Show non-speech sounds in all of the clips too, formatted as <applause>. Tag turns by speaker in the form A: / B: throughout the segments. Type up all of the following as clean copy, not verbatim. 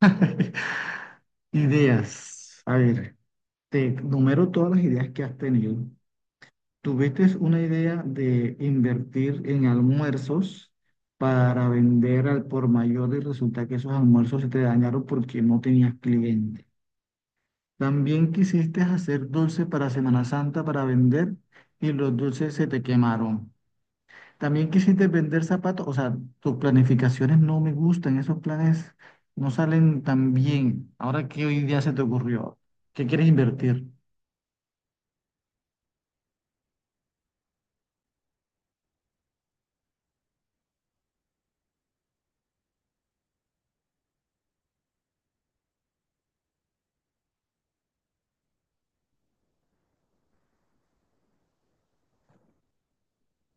A: <laughs> Ideas. A ver, te numero todas las ideas que has tenido. ¿Tuviste una idea de invertir en almuerzos para vender al por mayor y resulta que esos almuerzos se te dañaron porque no tenías cliente? También quisiste hacer dulce para Semana Santa para vender y los dulces se te quemaron. También quisiste vender zapatos, o sea, tus planificaciones no me gustan, esos planes no salen tan bien. Ahora, ¿qué hoy día se te ocurrió? ¿Qué quieres invertir?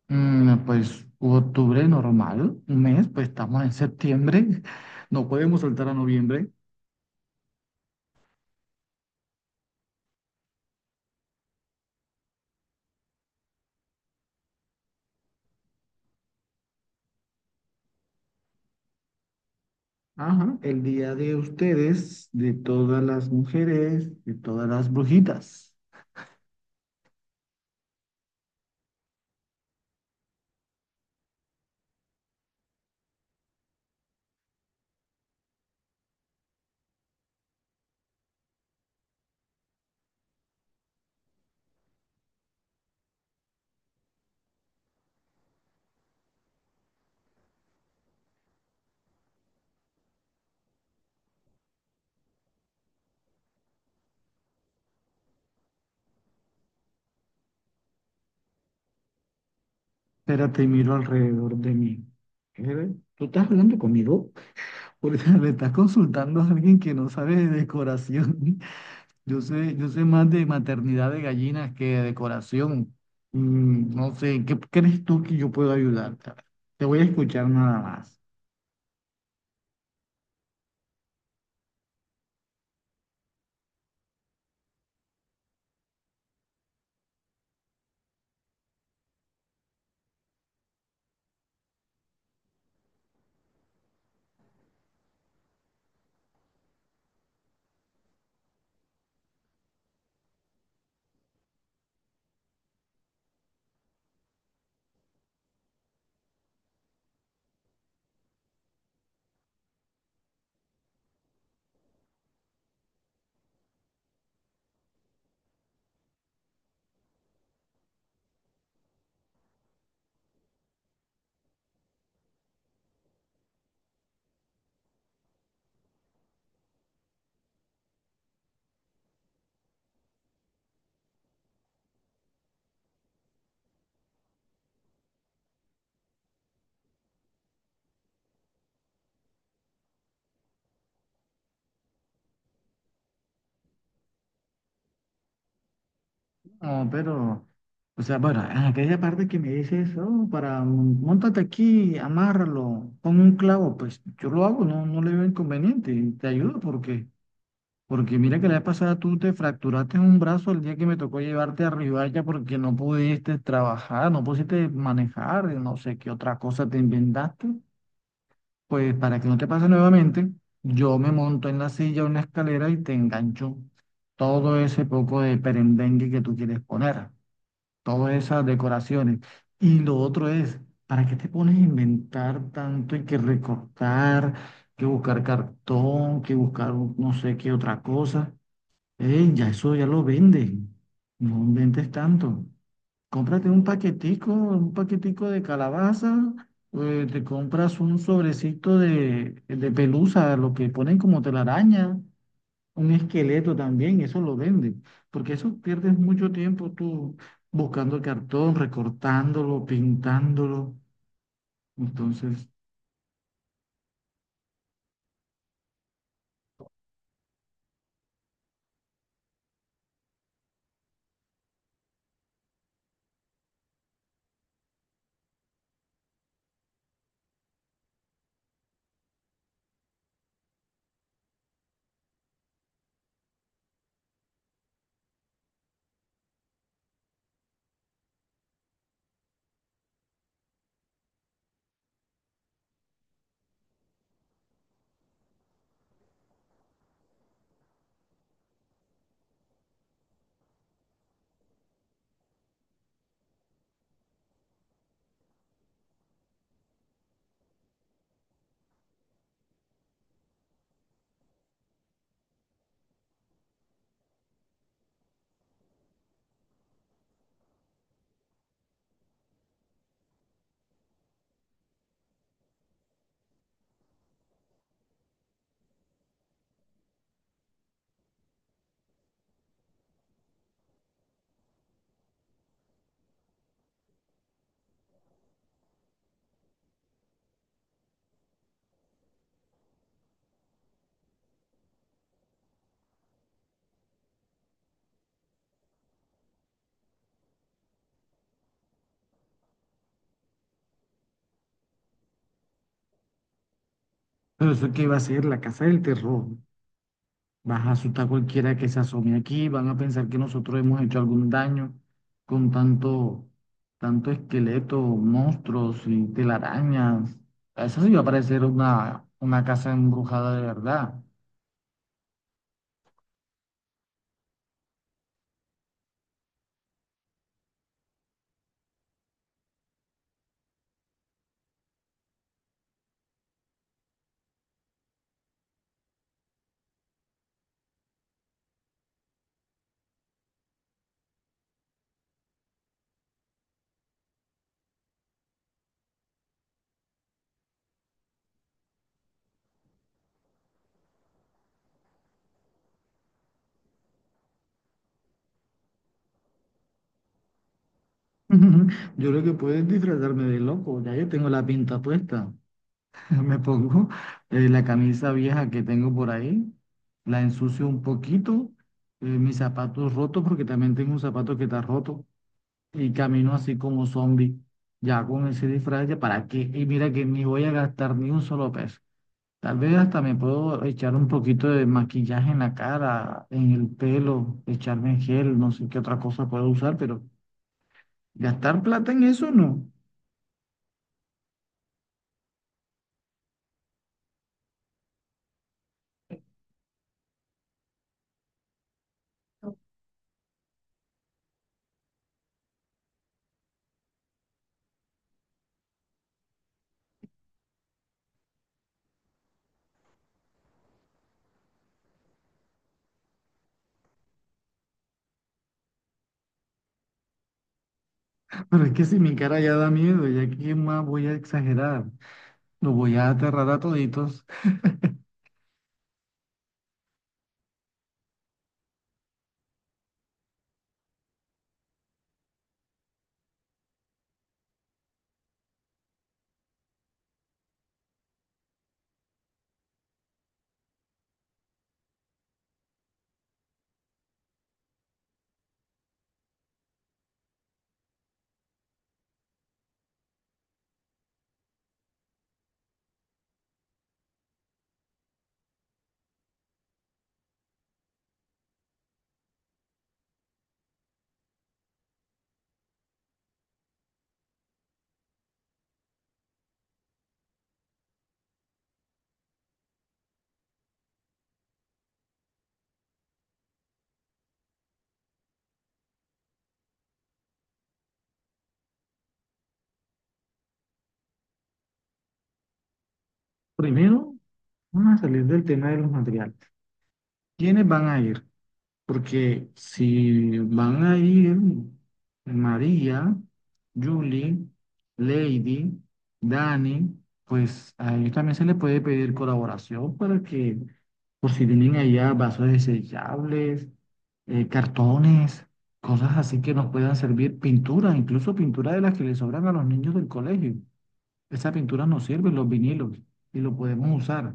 A: Mm, pues octubre normal, un mes, pues estamos en septiembre, <laughs> no podemos saltar a noviembre. Ajá, el día de ustedes, de todas las mujeres, de todas las brujitas. Espérate, miro alrededor de mí. ¿Qué? ¿Tú estás hablando conmigo? Porque <laughs> me estás consultando a alguien que no sabe de decoración. <laughs> Yo sé más de maternidad de gallinas que de decoración. Mm, no sé, ¿en ¿qué crees tú que yo puedo ayudarte? A ver, te voy a escuchar nada más. No, pero, o sea, bueno, en aquella parte que me dices, oh, para, mm, móntate aquí, amárralo, pon un clavo, pues yo lo hago, no, no le veo inconveniente, te ayudo porque mira que la vez pasada tú te fracturaste un brazo el día que me tocó llevarte a Ribadavia porque no pudiste trabajar, no pudiste manejar, no sé qué otra cosa te inventaste. Pues para que no te pase nuevamente, yo me monto en la silla o en la escalera y te engancho todo ese poco de perendengue que tú quieres poner, todas esas decoraciones. Y lo otro es, ¿para qué te pones a inventar tanto y que recortar, que buscar cartón, no sé qué otra cosa? Ey, ya eso ya lo venden. No inventes tanto. Cómprate un paquetico de calabaza, te compras un sobrecito de pelusa, lo que ponen como telaraña, un esqueleto también, eso lo venden. Porque eso pierdes mucho tiempo tú buscando el cartón, recortándolo, pintándolo. Entonces, pero eso qué va a ser la casa del terror. Vas a asustar a cualquiera que se asome aquí, van a pensar que nosotros hemos hecho algún daño con tanto, tanto esqueleto, monstruos y telarañas. Eso sí va a parecer una casa embrujada de verdad. <laughs> Yo creo que puedes disfrazarme de loco, ya yo tengo la pinta puesta. <laughs> Me pongo la camisa vieja que tengo por ahí, la ensucio un poquito, mis zapatos rotos, porque también tengo un zapato que está roto. Y camino así como zombie, ya con ese disfraz, ya para qué, y mira que ni voy a gastar ni un solo peso. Tal vez hasta me puedo echar un poquito de maquillaje en la cara, en el pelo, echarme gel, no sé qué otra cosa puedo usar, pero gastar plata en eso no. <laughs> Pero es que si mi cara ya da miedo, ya qué más voy a exagerar, los voy a aterrar a toditos. Primero, vamos a salir del tema de los materiales. ¿Quiénes van a ir? Porque si van a ir María, Julie, Lady, Dani, pues a ellos también se les puede pedir colaboración para que, por si tienen allá vasos desechables, cartones, cosas así que nos puedan servir, pintura, incluso pintura de las que les sobran a los niños del colegio. Esa pintura nos sirve, los vinilos, y lo podemos usar.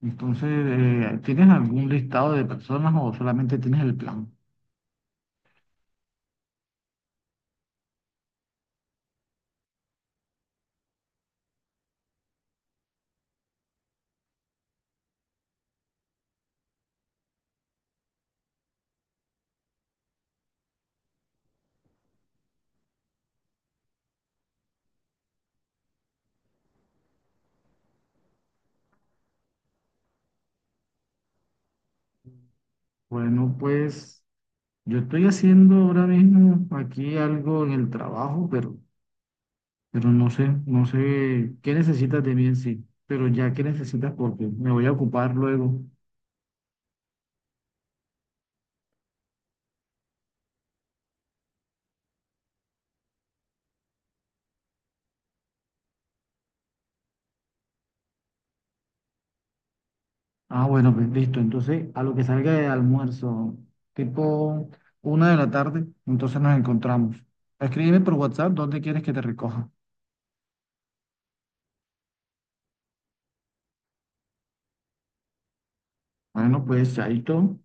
A: Entonces, ¿tienes algún listado de personas o solamente tienes el plan? Bueno, pues yo estoy haciendo ahora mismo aquí algo en el trabajo, pero no sé, no sé qué necesitas de mí en sí, pero ya qué necesitas porque me voy a ocupar luego. Ah, bueno, pues listo. Entonces, a lo que salga de almuerzo, tipo una de la tarde, entonces nos encontramos. Escríbeme por WhatsApp dónde quieres que te recoja. Bueno, pues ahí todo.